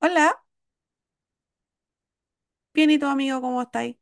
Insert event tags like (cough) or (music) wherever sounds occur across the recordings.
Hola, bien, y tu amigo, ¿cómo estáis?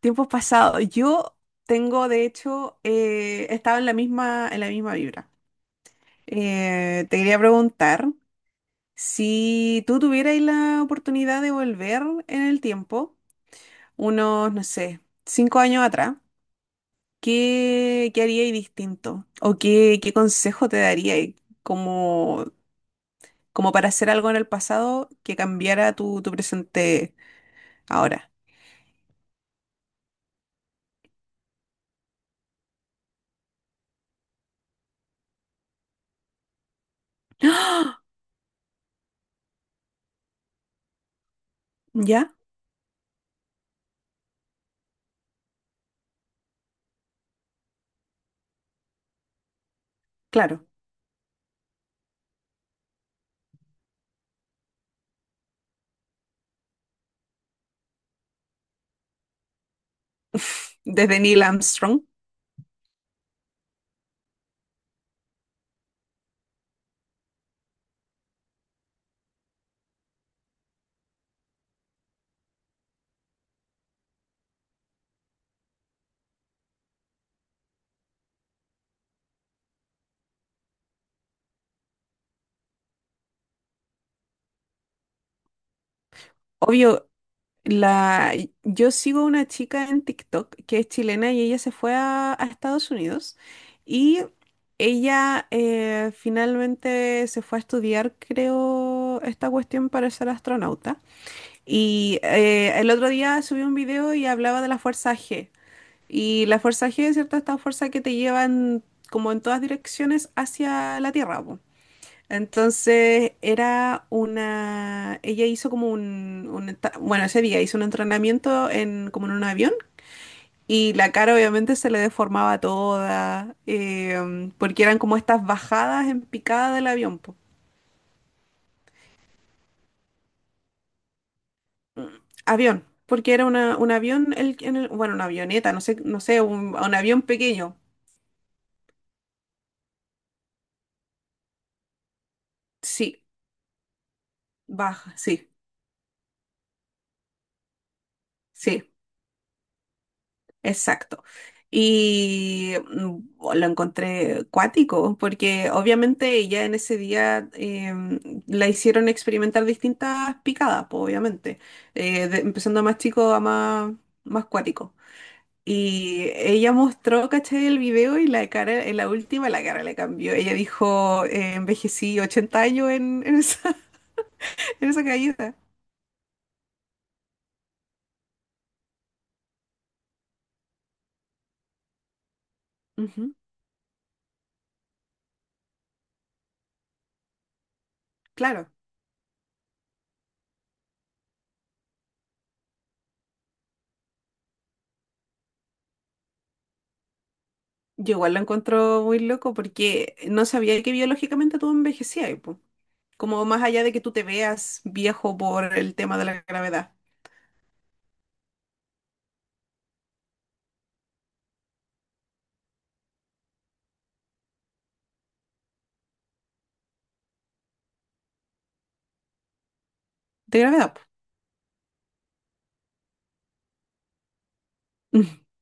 Tiempos pasados. Yo tengo, de hecho, estaba en la misma vibra. Te quería preguntar si tú tuvierais la oportunidad de volver en el tiempo, unos, no sé, 5 años atrás, ¿qué haríais distinto? ¿O qué consejo te daríais como, como para hacer algo en el pasado que cambiara tu presente ahora? ¿Ya? Claro. (laughs) Desde Neil Armstrong. Obvio. la, yo sigo una chica en TikTok que es chilena y ella se fue a Estados Unidos, y ella finalmente se fue a estudiar, creo, esta cuestión para ser astronauta. Y el otro día subí un video y hablaba de la fuerza G. Y la fuerza G es cierto, esta fuerza que te llevan como en todas direcciones hacia la Tierra, po. Entonces era una, ella hizo como bueno, ese día hizo un entrenamiento como en un avión, y la cara obviamente se le deformaba toda, porque eran como estas bajadas en picada del avión, po. Avión, porque era un avión, bueno, una avioneta, no sé, no sé, un avión pequeño. Sí, baja, sí, sí. Exacto. Y oh, lo encontré cuático, porque obviamente ella en ese día la hicieron experimentar distintas picadas, pues, obviamente, empezando a más chico a más, más cuático. Y ella mostró, ¿cachai? El video y la cara, en la última la cara le cambió. Ella dijo, envejecí 80 años (laughs) en esa caída. Ujú. Claro. Yo igual lo encuentro muy loco porque no sabía que biológicamente tú envejecías, pues. Como más allá de que tú te veas viejo por el tema de la gravedad. De gravedad, po. (laughs)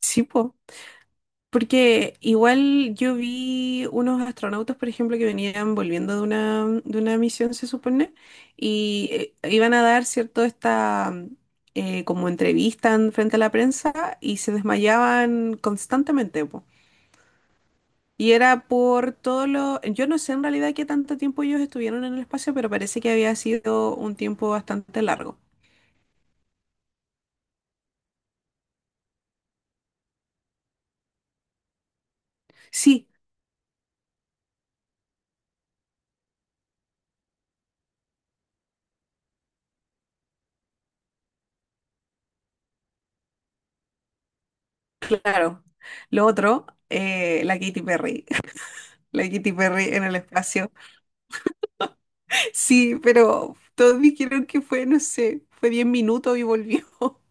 Sí, po. Porque igual yo vi unos astronautas, por ejemplo, que venían volviendo de una misión, se supone, y iban a dar, ¿cierto?, esta como entrevista frente a la prensa, y se desmayaban constantemente, po. Y era por todo lo. Yo no sé en realidad qué tanto tiempo ellos estuvieron en el espacio, pero parece que había sido un tiempo bastante largo. Sí. Claro. Lo otro, la Katy Perry. (laughs) La Katy Perry en el espacio. Sí, pero todos dijeron que fue, no sé, fue 10 minutos y volvió. (laughs)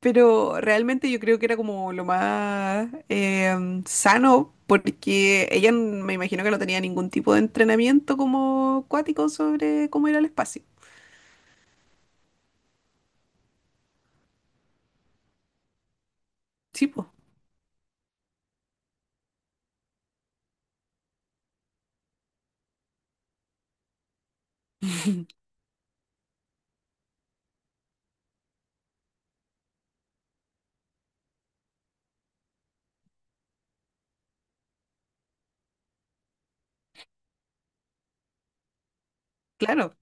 Pero realmente yo creo que era como lo más sano, porque ella me imagino que no tenía ningún tipo de entrenamiento como acuático sobre cómo ir al espacio. Sí, pues, claro.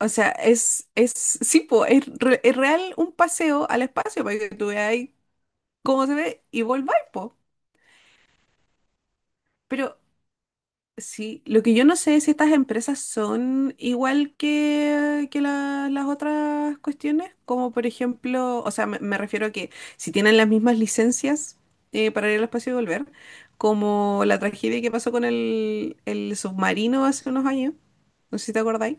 O sea, sí, pues, es real, un paseo al espacio para que tú veas cómo se ve y volváis, pues. Pero sí, lo que yo no sé es si estas empresas son igual que, que las otras cuestiones, como por ejemplo, o sea, me refiero a que si tienen las mismas licencias para ir al espacio y volver, como la tragedia que pasó con el submarino hace unos años, no sé si te acordáis.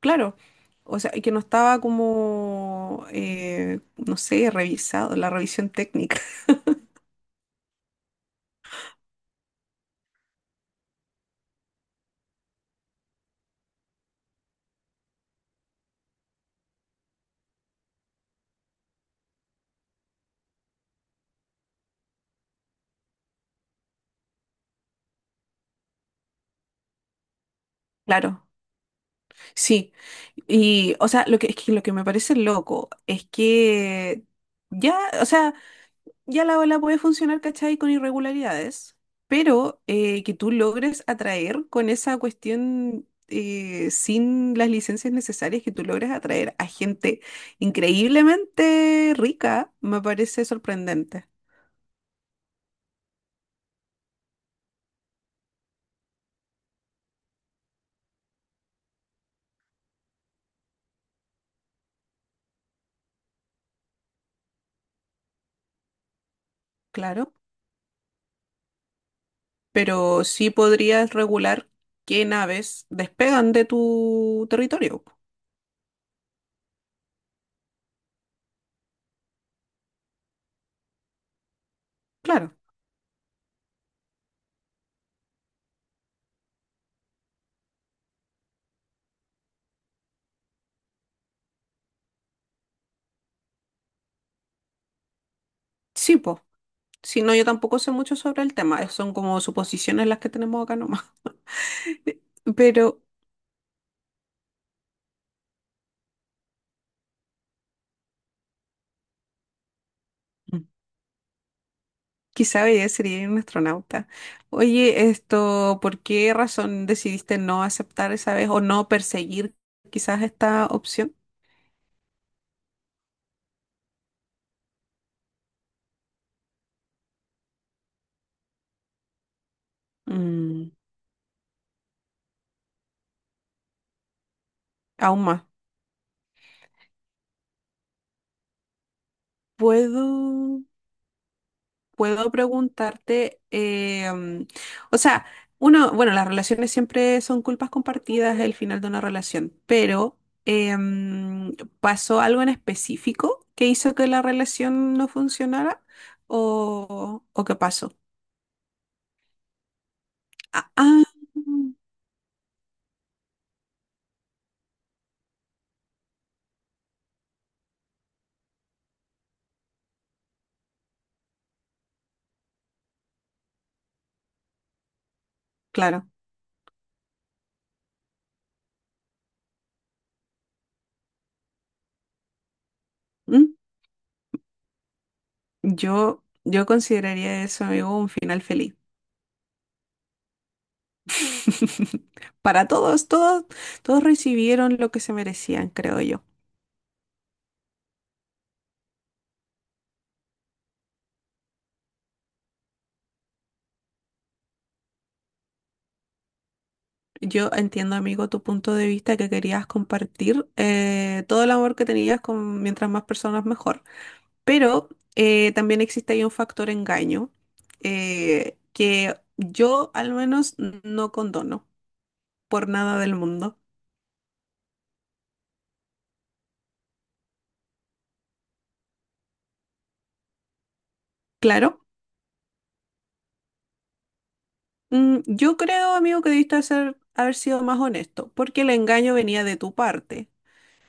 Claro, o sea, y que no estaba como, no sé, revisado, la revisión técnica. (laughs) Claro. Sí, y o sea, lo que, es que lo que me parece loco es que ya, o sea, ya la ola puede funcionar, ¿cachai? Con irregularidades, pero que tú logres atraer con esa cuestión sin las licencias necesarias, que tú logres atraer a gente increíblemente rica, me parece sorprendente. Claro, pero sí podrías regular qué naves despegan de tu territorio. Claro. Sí, po. Si no, yo tampoco sé mucho sobre el tema, son como suposiciones las que tenemos acá nomás. (laughs) Pero mm, quizá ella sería un astronauta. Oye, esto, ¿por qué razón decidiste no aceptar esa vez o no perseguir quizás esta opción? Mm, Aún más. ¿Puedo? Puedo preguntarte, o sea, uno, bueno, las relaciones siempre son culpas compartidas el final de una relación, pero eh, mm, ¿pasó algo en específico que hizo que la relación no funcionara o qué pasó? Ah, ah, claro. Mm, yo consideraría eso, amigo, un final feliz. (laughs) Para todos, todos, todos recibieron lo que se merecían, creo yo. Yo entiendo, amigo, tu punto de vista, que querías compartir todo el amor que tenías con mientras más personas mejor. Pero también existe ahí un factor engaño, que yo al menos no condono por nada del mundo. Claro, yo creo, amigo, que debiste haber sido más honesto, porque el engaño venía de tu parte,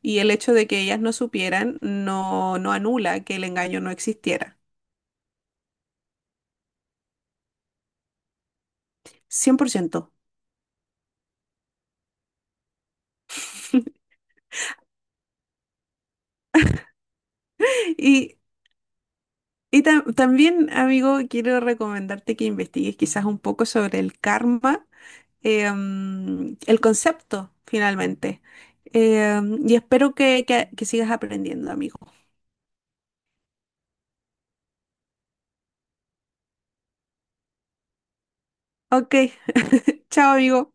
y el hecho de que ellas no supieran no, no anula que el engaño no existiera. 100%. Y También, amigo, quiero recomendarte que investigues quizás un poco sobre el karma, el concepto, finalmente. Eh, y espero que, que sigas aprendiendo, amigo. Ok, chao, amigo.